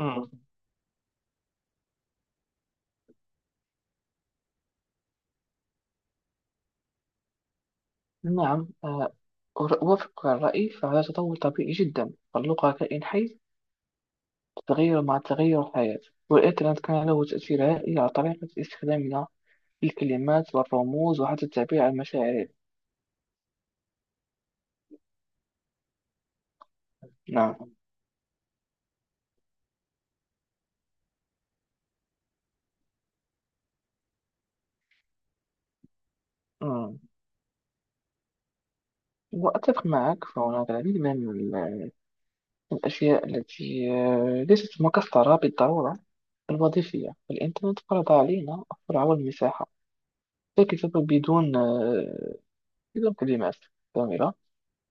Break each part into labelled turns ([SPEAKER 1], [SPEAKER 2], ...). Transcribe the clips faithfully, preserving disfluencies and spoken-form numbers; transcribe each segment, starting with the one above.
[SPEAKER 1] مم. نعم آه، أوافقك على الرأي، فهذا تطور طبيعي جدا، فاللغة كائن حي تتغير مع تغير الحياة. والإنترنت كان له تأثير هائل على طريقة استخدامنا للكلمات والرموز وحتى التعبير عن مشاعرنا. نعم. مم. وأتفق معك، فهناك العديد من ال- الأشياء التي آه، ليست مكسرة بالضرورة الوظيفية. الإنترنت فرض علينا السرعة والمساحة، لكن بدون آه، بدون كلمات كاملة،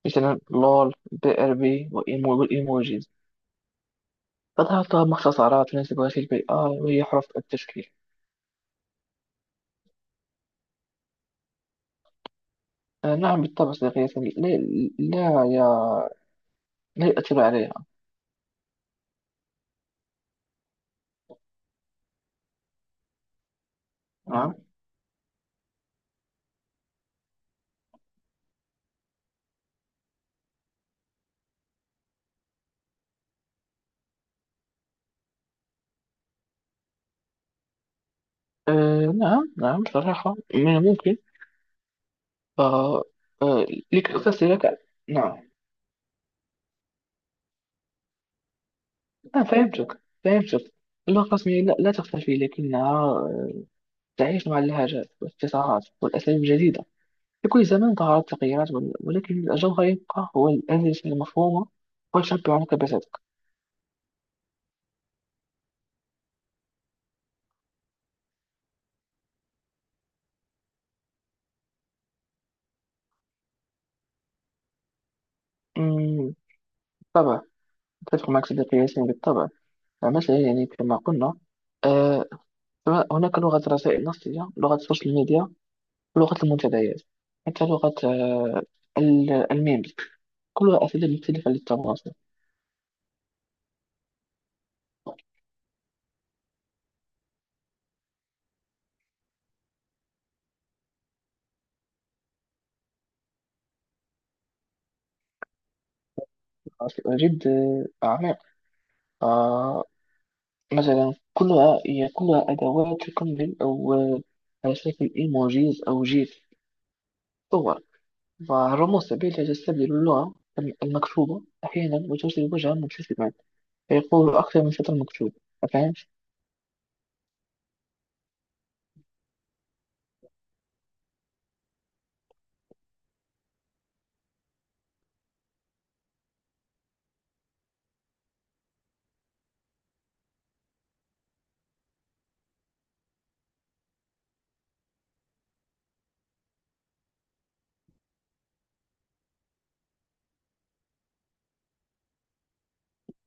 [SPEAKER 1] مثلا لول، بي ار بي، وإيمو- والايموجيز تظهر، مختصرات تناسب هذه البيئة، وهي حروف التشكيل. آه نعم، بالطبع صديقي ياسمين. لا لا يا لا يؤثر عليها. نعم. آه نعم، نعم صراحة من الممكن. آه آه لكي أفسر لك. نعم. آه فهمتك فهمتك اللغة الرسمية لا, لا تختفي، لكنها آه، تعيش مع اللهجات والابتسامات والأساليب الجديدة. في كل زمان ظهرت تغييرات، ول- ولكن الجوهر يبقى هو الأساس المفهومة، وتشبع عنك بذاتك. أمم، بالطبع، أتفق معك صديقي ياسين، بالطبع. مثلا يعني كما قلنا، آه هناك لغة الرسائل النصية، لغة السوشيال ميديا، ولغة المنتديات، حتى لغة آه ال- الميمز، كلها أساليب مختلفة للتواصل. جد آه، عميق. آه مثلا كلها هي كلها أدوات تكمل، أو آه، على شكل إيموجيز أو جيف، صور ورموز، سبيل تستبدل اللغة المكتوبة أحيانا، وترسل وجها مبتسما فيقول أكثر من سطر مكتوب. فهمت؟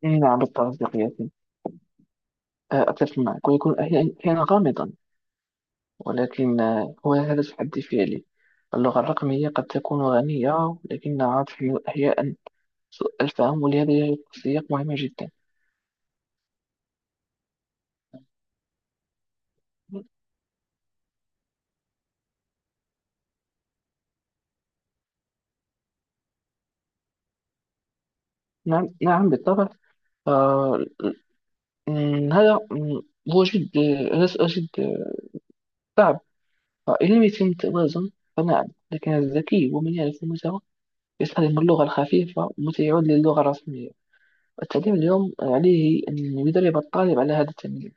[SPEAKER 1] نعم، بالطبع صديقي. آه، أتفق معك، ويكون أحيانا أحيانا غامضا، ولكن آه، هو هذا تحدي فعلي. اللغة الرقمية قد تكون غنية، لكنها تحمل أحيانا سوء الفهم، ولهذا يجب السياق مهمة جدا. نعم. نعم بالطبع. آه، م- هذا م- هو جد هذا سؤال جد آه، صعب. فإن لم يتم التوازن، فنعم، لكن الذكي ومن يعرف قيمته يستخدم اللغة الخفيفة، متى يعود للغة الرسمية. التعليم اليوم عليه أن يدرب الطالب على هذا التمييز.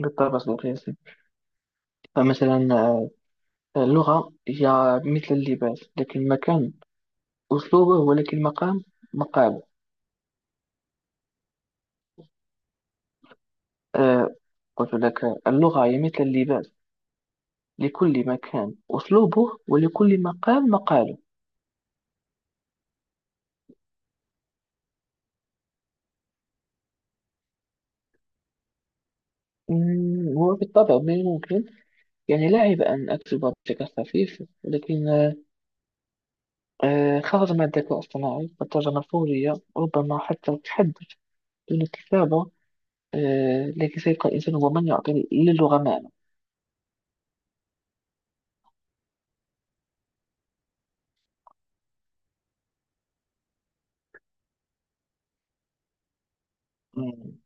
[SPEAKER 1] بالطبع القياسي. فمثلا، آه، اللغة هي مثل اللباس، لكن المكان أسلوبه، ولكن المقام مقاله. آه، قلت لك، اللغة هي مثل اللباس، لكل مكان أسلوبه، ولكل مقام مقاله. مم، هو بالطبع من الممكن. يعني لا عيب أن أكتب بشكل خفيف، لكن آه، آه، خرج من الذكاء الصناعي والترجمة الفورية، ربما حتى التحدث دون الكتابة. آه، لكن سيبقى الإنسان هو من يعطي للغة معنى. مم.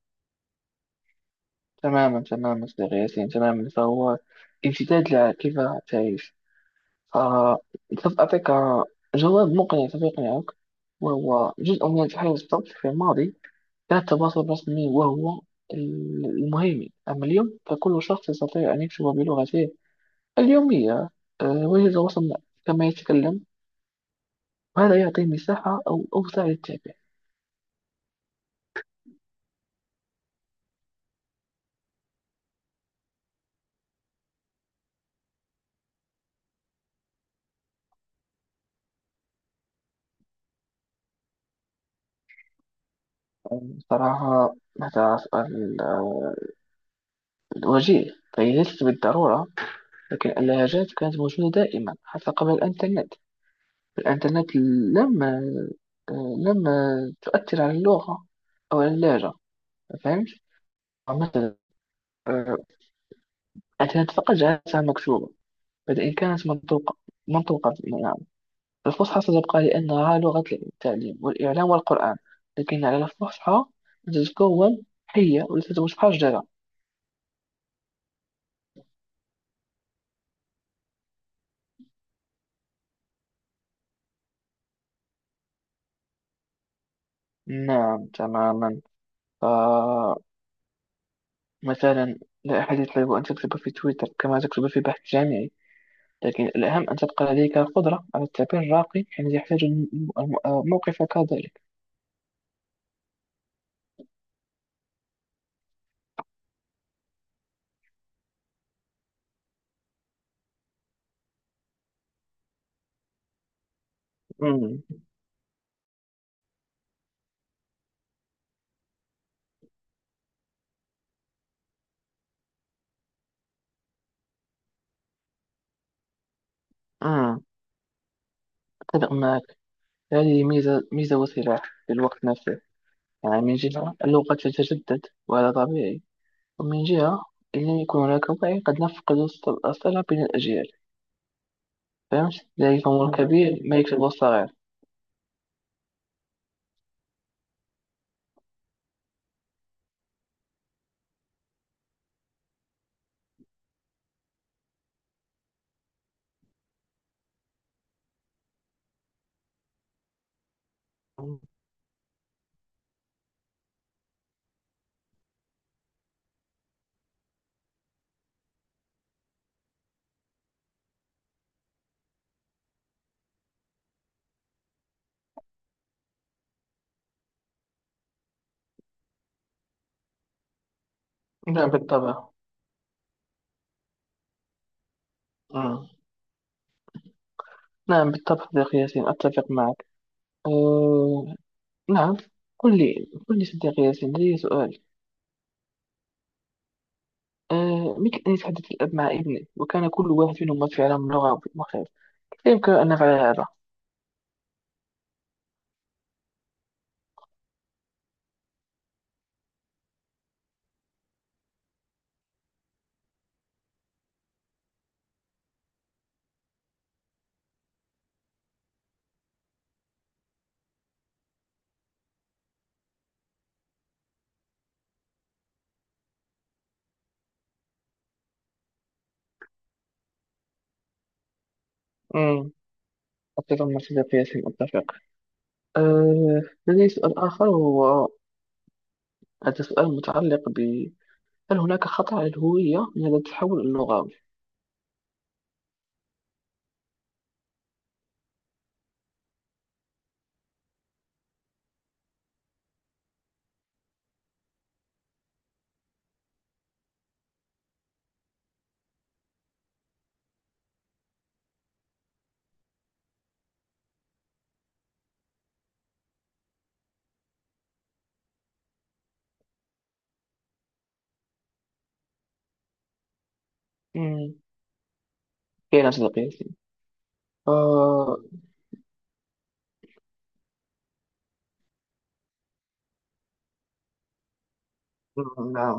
[SPEAKER 1] تماما تماما صديقي ياسين، تماما، فهو امتداد لكيف تعيش. فسوف أعطيك جواب مقنع، سوف يقنعك، وهو جزء من التحول الصوتي. في الماضي كان التواصل الرسمي وهو المهم، أما اليوم فكل شخص يستطيع أن يكتب بلغته اليومية، آه، وجه التواصل كما يتكلم، وهذا يعطي مساحة أو أوسع للتعبير. يعني صراحة، هذا سؤال آه، وجيه، فهي ليست بالضرورة، لكن اللهجات كانت موجودة دائما حتى قبل الإنترنت. الإنترنت لم آه، لم تؤثر على اللغة أو على اللهجة. فهمت؟ مثلا، آه، الإنترنت فقط جعلتها مكتوبة بدل إن كانت منطوقة منطوقة. الفصحى ستبقى لأنها لغة التعليم والإعلام والقرآن، لكن على الفصحى أن تتكون حية وليست متحجرة. نعم تماما. فمثلا لا أحد يطلب أن تكتب في تويتر كما تكتب في بحث جامعي، لكن الأهم أن تبقى لديك القدرة على التعبير الراقي حين يحتاج الم- الم- موقفك ذلك. أمم، أمم، أتفق معك. هذه ميزة ميزة وسلاح في الوقت نفسه. يعني من جهة اللغة تتجدد وهذا طبيعي، ومن جهة إن يكون هناك وعي قد نفقد الصل- الصلة بين الأجيال. فهمت؟ لا يفهم الكبير ما يكتبه الصغير. نعم بالطبع. مم. نعم بالطبع صديقي ياسين، أتفق معك. أه... نعم. قل لي قل لي صديقي ياسين، لدي سؤال. أه... مثل أن يتحدث الأب مع ابنه، وكان كل واحد منهما في عالم لغة مختلف، كيف يمكن أن نفعل هذا؟ مم. أتفق مع صديقي ياسين، أتفق. أه... لدي سؤال آخر، وهو، هذا سؤال متعلق ب، هل هناك خطر على الهوية من هذا التحول اللغوي؟ مم، كاين صديقي ياسين. آه، نعم